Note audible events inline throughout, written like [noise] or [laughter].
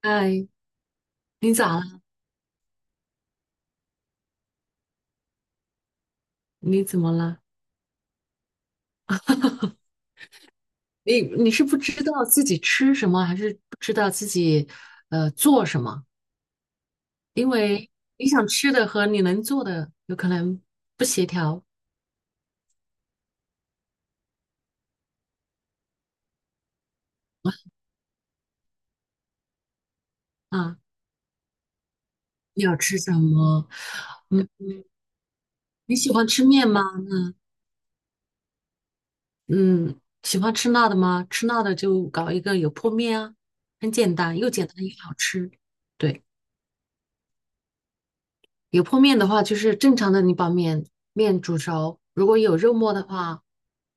哎，你咋了？你怎么了？你是不知道自己吃什么，还是不知道自己做什么？因为你想吃的和你能做的有可能不协调啊。你要吃什么？嗯，你喜欢吃面吗？嗯，喜欢吃辣的吗？吃辣的就搞一个油泼面啊，很简单，又简单又好吃。对。油泼面的话，就是正常的，你把面煮熟。如果有肉末的话，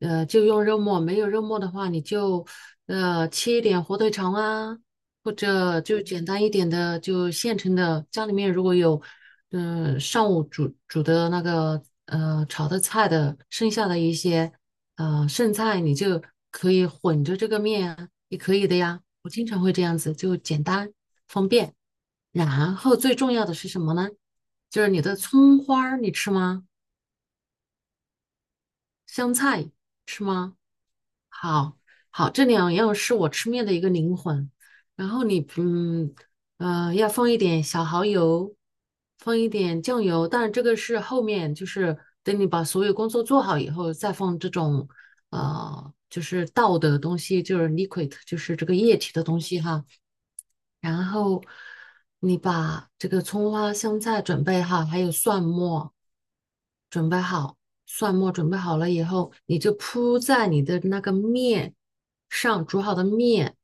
就用肉末；没有肉末的话，你就切一点火腿肠啊，或者就简单一点的，就现成的。家里面如果有，嗯、上午煮的那个炒的菜的剩下的一些剩菜，你就可以混着这个面啊，也可以的呀。我经常会这样子，就简单方便。然后最重要的是什么呢？就是你的葱花儿你吃吗？香菜吃吗？好，好，这两样是我吃面的一个灵魂。然后你要放一点小蚝油，放一点酱油，但是这个是后面就是等你把所有工作做好以后再放这种就是倒的东西，就是 liquid，就是这个液体的东西哈。然后你把这个葱花、香菜准备好，还有蒜末准备好。蒜末准备好了以后，你就铺在你的那个面上，煮好的面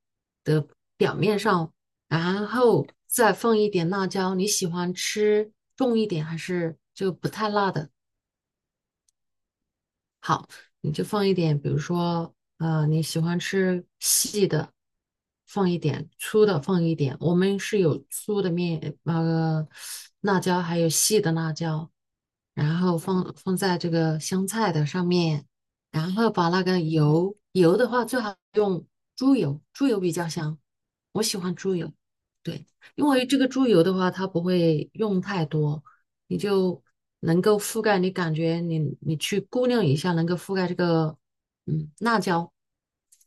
的表面上，然后再放一点辣椒。你喜欢吃重一点还是就不太辣的？好，你就放一点，比如说，你喜欢吃细的，放一点；粗的放一点。我们是有粗的面，那个辣椒，还有细的辣椒，然后放在这个香菜的上面，然后把那个油，油的话最好用猪油，猪油比较香，我喜欢猪油，对，因为这个猪油的话，它不会用太多。你就能够覆盖，你感觉你去估量一下，能够覆盖这个辣椒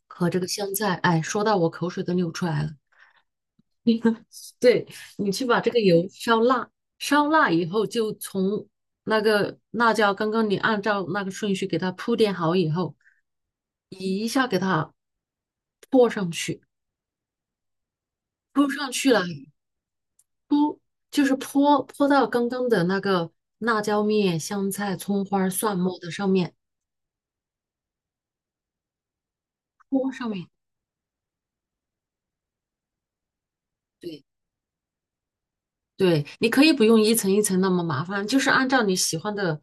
和这个香菜。哎，说到我口水都流出来了。[laughs] 对，你去把这个油烧辣，烧辣以后就从那个辣椒，刚刚你按照那个顺序给它铺垫好以后，泼上去，泼上去了就是泼到刚刚的那个辣椒面、香菜、葱花、蒜末的上面，泼上面。对。对，你可以不用一层一层那么麻烦，就是按照你喜欢的，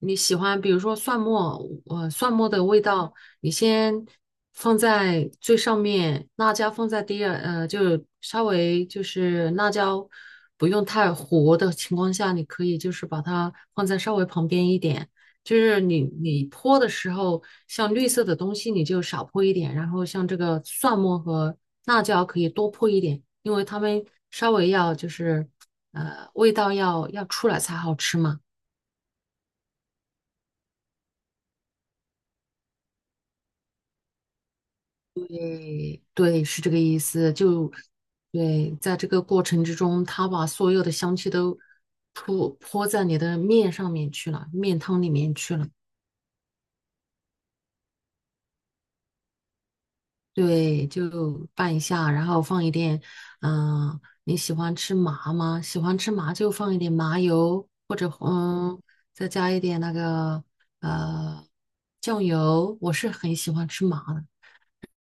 你喜欢，比如说蒜末，蒜末的味道，你先放在最上面，辣椒放在第二，就稍微就是辣椒不用太糊的情况下，你可以就是把它放在稍微旁边一点，就是你泼的时候，像绿色的东西你就少泼一点，然后像这个蒜末和辣椒可以多泼一点，因为它们稍微要就是。味道要出来才好吃嘛。对，是这个意思。就对，在这个过程之中，他把所有的香气都泼在你的面上面去了，面汤里面去了。对，就拌一下，然后放一点，嗯、你喜欢吃麻吗？喜欢吃麻就放一点麻油，或者嗯，再加一点那个呃酱油。我是很喜欢吃麻的。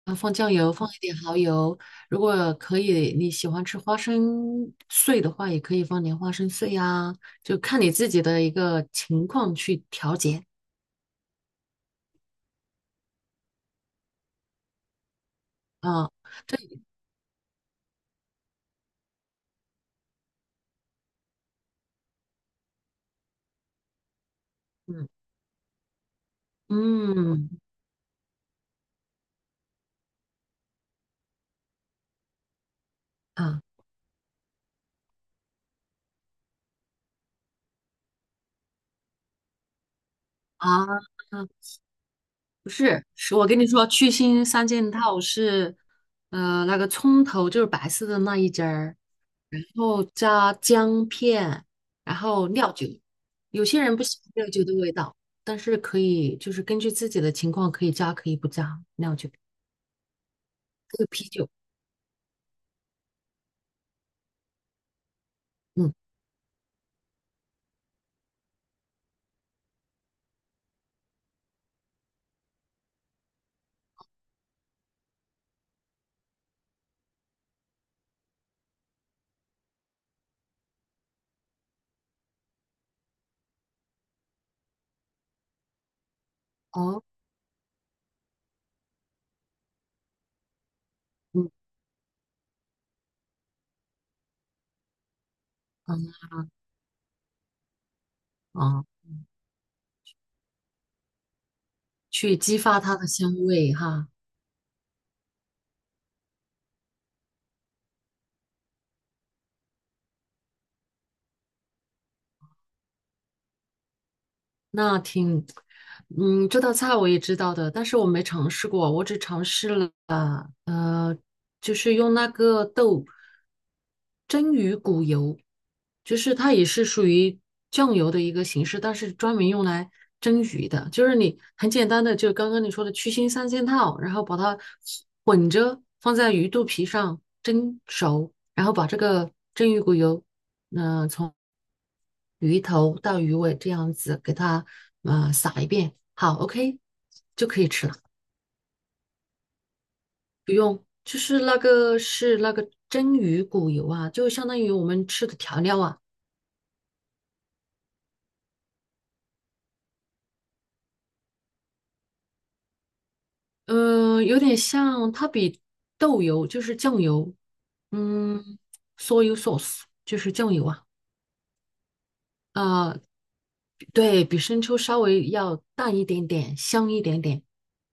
啊，放酱油，放一点蚝油。如果可以，你喜欢吃花生碎的话，也可以放点花生碎呀，就看你自己的一个情况去调节啊。嗯。嗯。啊。啊啊，不是，是我跟你说，去腥三件套是，那个葱头就是白色的那一截儿，然后加姜片，然后料酒。有些人不喜欢料酒的味道，但是可以就是根据自己的情况可以加可以不加料酒，这个啤酒，嗯，哦，嗯嗯哦，去激发它的香味哈。那挺，嗯，这道菜我也知道的，但是我没尝试过，我只尝试了，呃，就是用那个豆蒸鱼骨油，就是它也是属于酱油的一个形式，但是专门用来蒸鱼的，就是你很简单的，就刚刚你说的去腥三件套，然后把它混着放在鱼肚皮上蒸熟，然后把这个蒸鱼骨油那从鱼头到鱼尾这样子给它撒一遍，好，OK，就可以吃了，不用。就是那个是那个蒸鱼骨油啊，就相当于我们吃的调料啊，嗯、有点像它比豆油就是酱油，嗯，soy sauce 就是酱油啊，啊、对比生抽稍微要淡一点点，香一点点，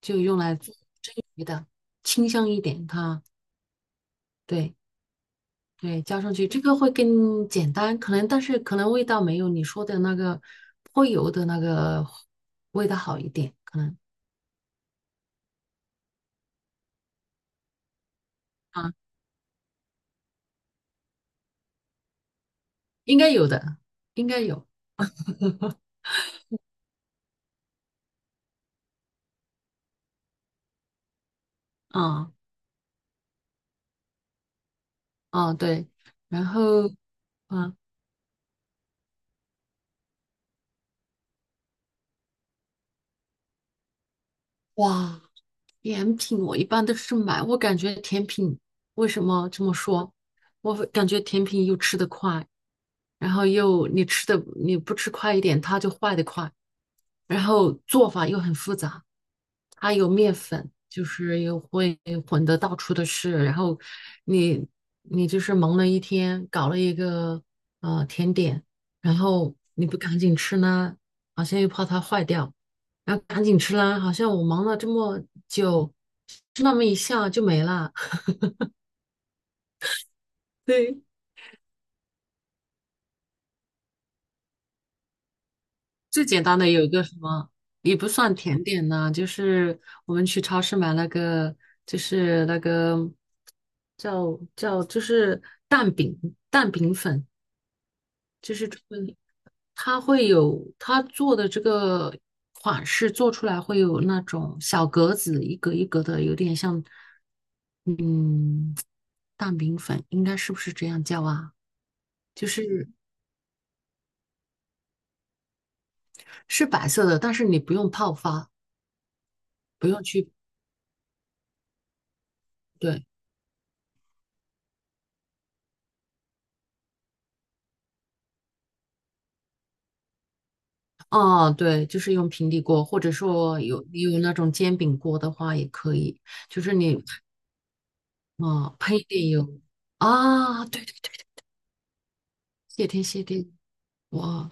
就用来做蒸鱼的，清香一点它，对。对，浇上去这个会更简单，可能但是可能味道没有你说的那个泼油的那个味道好一点，可能啊，应该有的，应该有，啊啊对，然后啊，哇，甜品我一般都是买，我感觉甜品为什么这么说？我会感觉甜品又吃得快，然后又你吃的你不吃快一点，它就坏得快，然后做法又很复杂，它有面粉，就是又会混得到处都是，然后你你就是忙了一天，搞了一个甜点，然后你不赶紧吃呢，好像又怕它坏掉。然后赶紧吃啦，好像我忙了这么久，吃那么一下就没了。[laughs] 对，最简单的有一个什么，也不算甜点呐、就是我们去超市买那个，就是那个叫就是蛋饼，蛋饼粉，就是专门它会有它做的这个款式做出来会有那种小格子，一格一格的，有点像嗯蛋饼粉，应该是不是这样叫啊？就是。是白色的，但是你不用泡发。对，啊，对，就是用平底锅，或者说有你有那种煎饼锅的话也可以，就是你啊、喷一点油啊，对对对，谢天谢地，哇，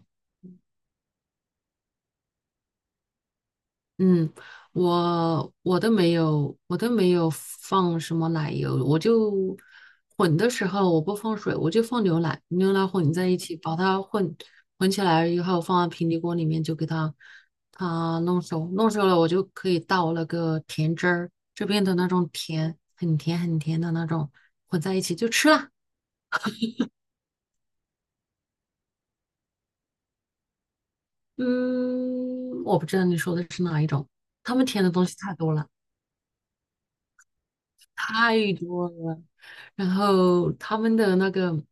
嗯，我都没有，我都没有放什么奶油，我就混的时候我不放水，我就放牛奶，牛奶混在一起，把它混起来以后，放在平底锅里面就给它弄熟，弄熟了我就可以倒那个甜汁儿，这边的那种甜，很甜很甜的那种，混在一起就吃了。嗯，我不知道你说的是哪一种，他们甜的东西太多了。太多了。然后他们的那个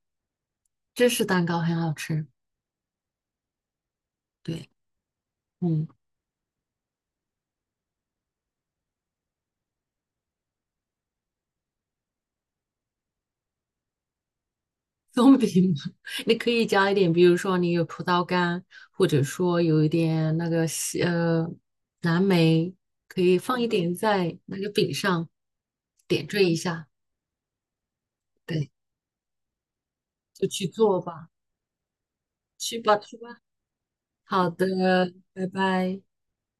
芝士蛋糕很好吃，对，嗯，松饼 [laughs] 你可以加一点，比如说你有葡萄干，或者说有一点那个蓝莓，可以放一点在那个饼上，点缀一下，对，就去做吧，去吧去吧，好的，拜拜。